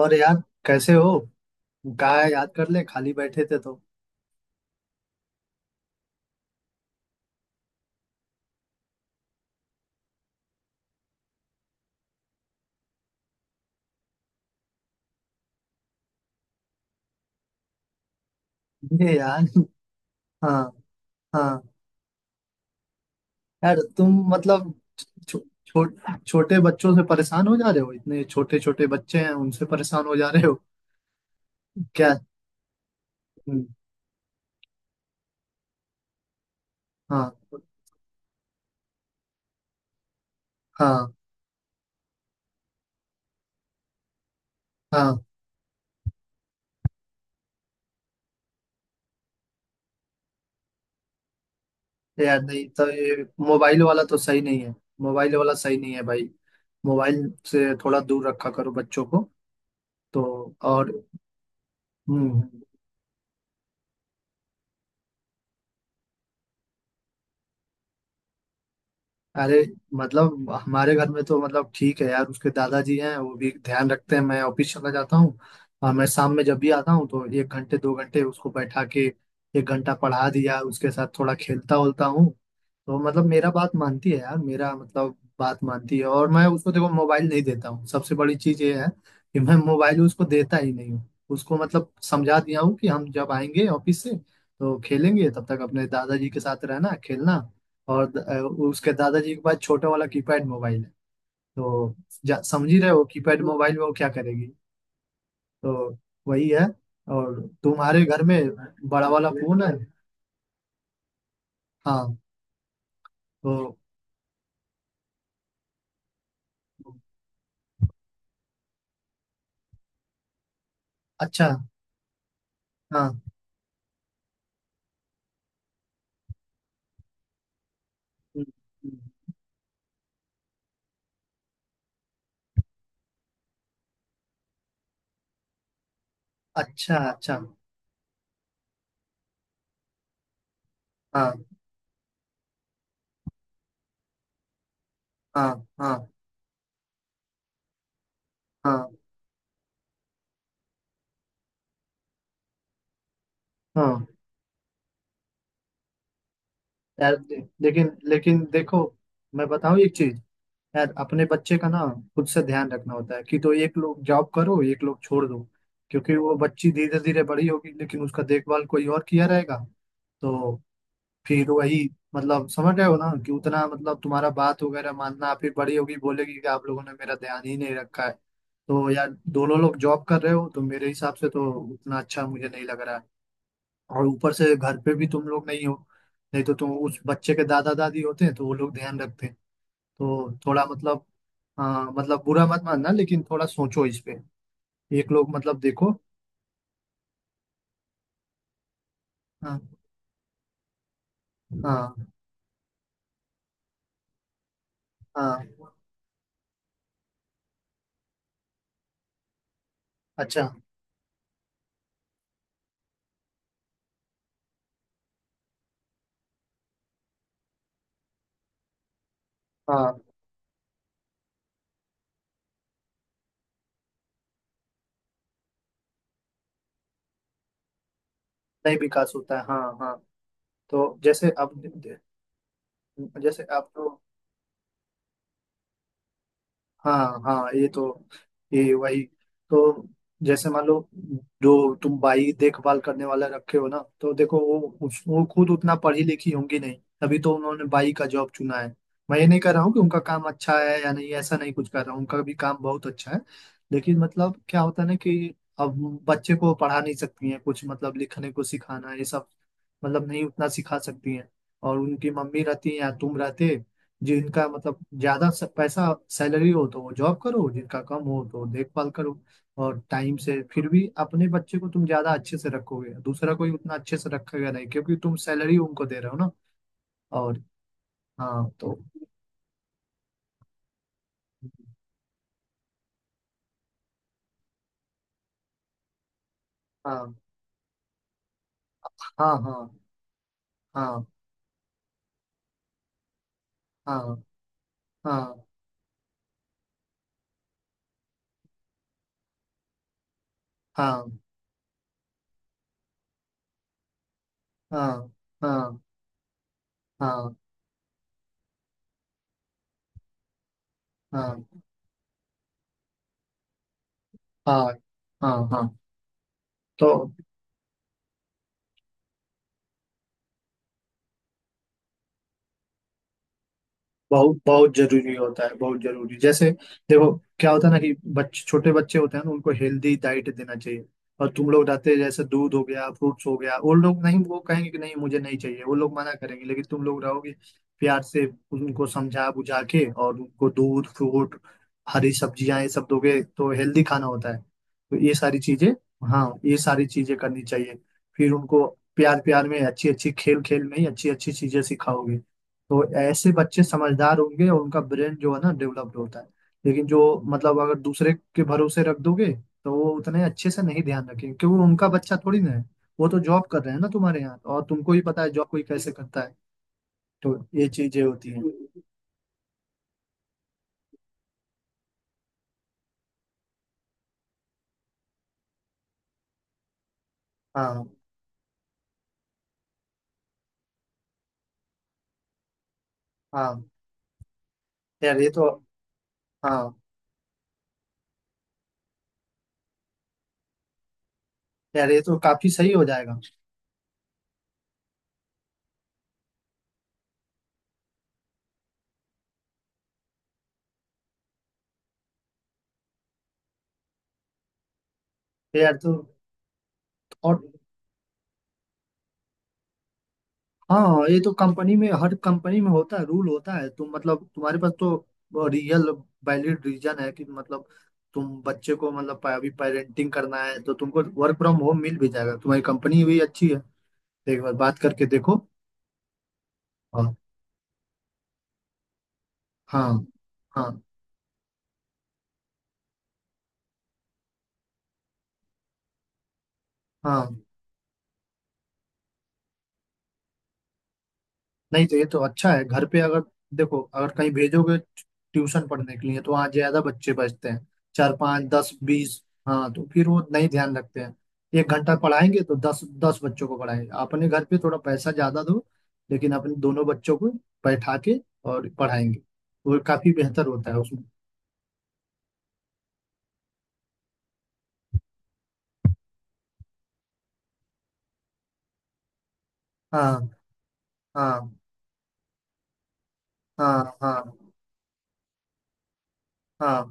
और यार, कैसे हो? कहाँ याद कर ले, खाली बैठे थे तो? ये यार। हाँ। हाँ यार, तुम मतलब छो, छो, छोटे बच्चों से परेशान हो जा रहे हो? इतने छोटे छोटे बच्चे हैं, उनसे परेशान हो जा रहे हो? क्या? हम्म, हाँ। हाँ हाँ। यार नहीं, तो ये मोबाइल वाला तो सही नहीं है। मोबाइल वाला सही नहीं है भाई। मोबाइल से थोड़ा दूर रखा करो बच्चों को। तो। और। हम्म हम्म। अरे मतलब, हमारे घर में तो मतलब ठीक है यार, उसके दादाजी हैं, वो भी ध्यान रखते हैं, मैं ऑफिस चला जाता हूँ। और मैं शाम में जब भी आता हूँ तो 1 घंटे 2 घंटे उसको बैठा के 1 घंटा पढ़ा दिया, उसके साथ थोड़ा खेलता उलता हूँ। तो मतलब मेरा बात मानती है यार, मेरा मतलब बात मानती है। और मैं उसको देखो मोबाइल नहीं देता हूँ, सबसे बड़ी चीज ये है कि मैं मोबाइल उसको देता ही नहीं हूँ। उसको मतलब समझा दिया हूँ कि हम जब आएंगे ऑफिस से तो खेलेंगे, तब तक अपने दादाजी के साथ रहना खेलना। और उसके दादाजी के पास छोटा वाला कीपैड मोबाइल है। तो समझ ही रहे हो, कीपैड मोबाइल में वो क्या करेगी? तो वही है। और तुम्हारे घर में बड़ा वाला फोन है? हाँ। तो अच्छा। हाँ। अच्छा अच्छा। हाँ हाँ। हाँ हाँ हाँ। यार लेकिन लेकिन देखो, मैं बताऊँ एक चीज। यार अपने बच्चे का ना खुद से ध्यान रखना होता है कि, तो एक लोग जॉब करो एक लोग छोड़ दो। क्योंकि वो बच्ची धीरे धीरे बड़ी होगी, लेकिन उसका देखभाल कोई और किया रहेगा। तो फिर वही, मतलब समझ रहे हो ना कि उतना मतलब तुम्हारा बात वगैरह मानना, फिर बड़ी होगी बोलेगी कि आप लोगों ने मेरा ध्यान ही नहीं रखा है। तो यार, दोनों लोग जॉब कर रहे हो तो मेरे हिसाब से तो उतना अच्छा मुझे नहीं लग रहा है। और ऊपर से घर पे भी तुम लोग नहीं हो। नहीं तो तुम उस बच्चे के दादा दादी होते हैं तो वो लोग ध्यान रखते हैं। तो थोड़ा मतलब, हाँ मतलब बुरा मत मानना, लेकिन थोड़ा सोचो इस पे। एक लोग मतलब देखो। हाँ हाँ हाँ। अच्छा। हाँ नहीं, विकास होता है, हाँ हाँ। तो जैसे अब, जैसे आप। हाँ हाँ, ये तो, ये वही। तो जैसे मान लो, जो तुम बाई देखभाल करने वाला रखे हो ना, तो देखो वो वो खुद उतना पढ़ी लिखी होंगी नहीं। तभी तो उन्होंने बाई का जॉब चुना है। मैं ये नहीं कह रहा हूँ कि उनका काम अच्छा है या नहीं, ऐसा नहीं कुछ कर रहा हूँ, उनका भी काम बहुत अच्छा है। लेकिन मतलब क्या होता है ना कि अब बच्चे को पढ़ा नहीं सकती हैं कुछ, मतलब लिखने को सिखाना ये सब, मतलब नहीं उतना सिखा सकती हैं। और उनकी मम्मी रहती हैं या तुम रहते, जिनका मतलब ज्यादा पैसा सैलरी हो तो वो जॉब करो, जिनका कम हो तो देखभाल करो। और टाइम से फिर भी अपने बच्चे को तुम ज्यादा अच्छे से रखोगे, दूसरा कोई उतना अच्छे से रखेगा नहीं, क्योंकि तुम सैलरी उनको दे रहे हो ना। और। हाँ तो। हाँ हाँ हाँ हाँ हाँ हाँ हाँ हाँ हाँ हाँ हाँ हाँ हाँ हाँ हाँ, तो बहुत बहुत जरूरी होता है, बहुत जरूरी। जैसे देखो क्या होता है ना कि बच्चे, छोटे बच्चे होते हैं ना, उनको हेल्दी डाइट देना चाहिए। और तुम लोग रहते हैं, जैसे दूध हो गया फ्रूट्स हो गया, वो लोग नहीं, वो कहेंगे कि नहीं मुझे नहीं चाहिए, वो लोग मना करेंगे, लेकिन तुम लोग रहोगे प्यार से उनको समझा बुझा के, और उनको दूध फ्रूट हरी सब्जियां ये सब दोगे तो हेल्दी खाना होता है। तो ये सारी चीजें, हाँ ये सारी चीजें करनी चाहिए। फिर उनको प्यार प्यार में अच्छी अच्छी, खेल खेल में ही अच्छी अच्छी चीजें सिखाओगे तो ऐसे बच्चे समझदार होंगे और उनका ब्रेन जो है ना डेवलप्ड होता है। लेकिन जो मतलब अगर दूसरे के भरोसे रख दोगे तो वो उतने अच्छे से नहीं ध्यान रखेंगे, क्योंकि उनका बच्चा थोड़ी ना है, वो तो जॉब कर रहे हैं ना तुम्हारे यहाँ, और तुमको ही पता है जॉब कोई कैसे करता है। तो ये चीजें होती हैं। हाँ हाँ। यार ये तो, हाँ यार, ये तो काफी सही हो जाएगा। यार तो। और हाँ, ये तो कंपनी में, हर कंपनी में होता है, रूल होता है, तुम मतलब तुम्हारे पास तो रियल वैलिड रीजन है कि मतलब, तुम बच्चे को मतलब अभी पेरेंटिंग करना है तो तुमको वर्क फ्रॉम होम मिल भी जाएगा, तुम्हारी कंपनी भी अच्छी है, एक बार बात करके देखो। और हाँ हाँ हाँ। नहीं तो ये तो अच्छा है घर पे, अगर देखो, अगर कहीं भेजोगे ट्यूशन पढ़ने के लिए तो वहाँ ज्यादा बच्चे बचते हैं, चार पाँच 10 20। हाँ, तो फिर वो नहीं ध्यान रखते हैं। 1 घंटा पढ़ाएंगे तो दस दस बच्चों को पढ़ाएंगे, अपने घर पे थोड़ा पैसा ज्यादा दो लेकिन अपने दोनों बच्चों को बैठा के और पढ़ाएंगे, वो काफी बेहतर होता है उसमें। हाँ हाँ हाँ हाँ हाँ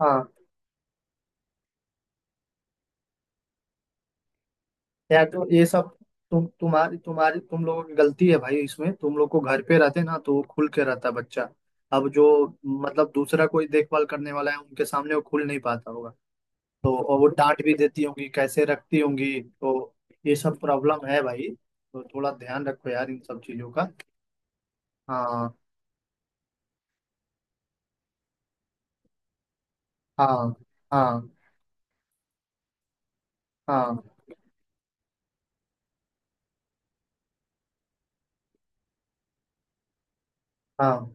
हाँ। यार तो ये सब तुम्हारी तुम लोगों की गलती है भाई इसमें, तुम लोग को घर पे रहते ना तो वो खुल के रहता बच्चा। अब जो मतलब दूसरा कोई देखभाल करने वाला है उनके सामने वो खुल नहीं पाता होगा। तो, और वो डांट भी देती होंगी, कैसे रखती होंगी तो। ये सब प्रॉब्लम है भाई। तो थोड़ा ध्यान रखो यार, इन सब चीजों का। हाँ हाँ हाँ हाँ हाँ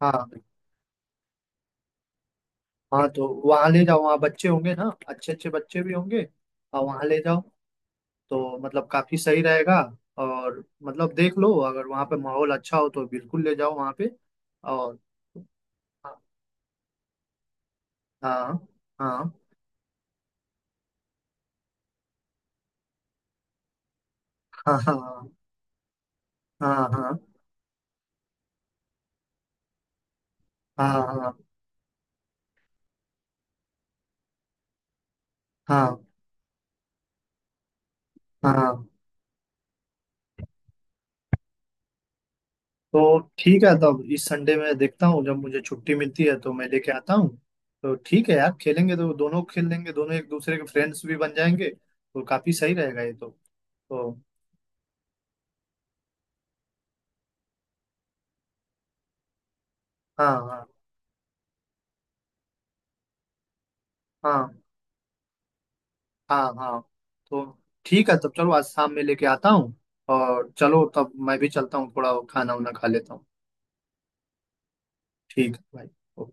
हाँ हाँ। तो वहाँ ले जाओ, वहाँ बच्चे होंगे ना, अच्छे अच्छे बच्चे भी होंगे। और वहाँ ले जाओ, तो मतलब काफी सही रहेगा। और मतलब देख लो, अगर वहाँ पे माहौल अच्छा हो तो बिल्कुल ले जाओ वहाँ पे। और हाँ हाँ हाँ हाँ हाँ हाँ हाँ हाँ हाँ हाँ, हाँ। तो ठीक है, तब इस संडे में देखता हूँ, जब मुझे छुट्टी मिलती है तो मैं लेके आता हूँ। तो ठीक है यार, खेलेंगे तो दोनों खेल लेंगे, दोनों एक दूसरे के फ्रेंड्स भी बन जाएंगे तो काफी सही रहेगा ये तो। तो। हाँ हाँ हाँ हाँ हाँ। तो ठीक है, तब चलो आज शाम में लेके आता हूँ। और चलो, तब मैं भी चलता हूँ, थोड़ा खाना वाना खा लेता हूँ। ठीक है भाई।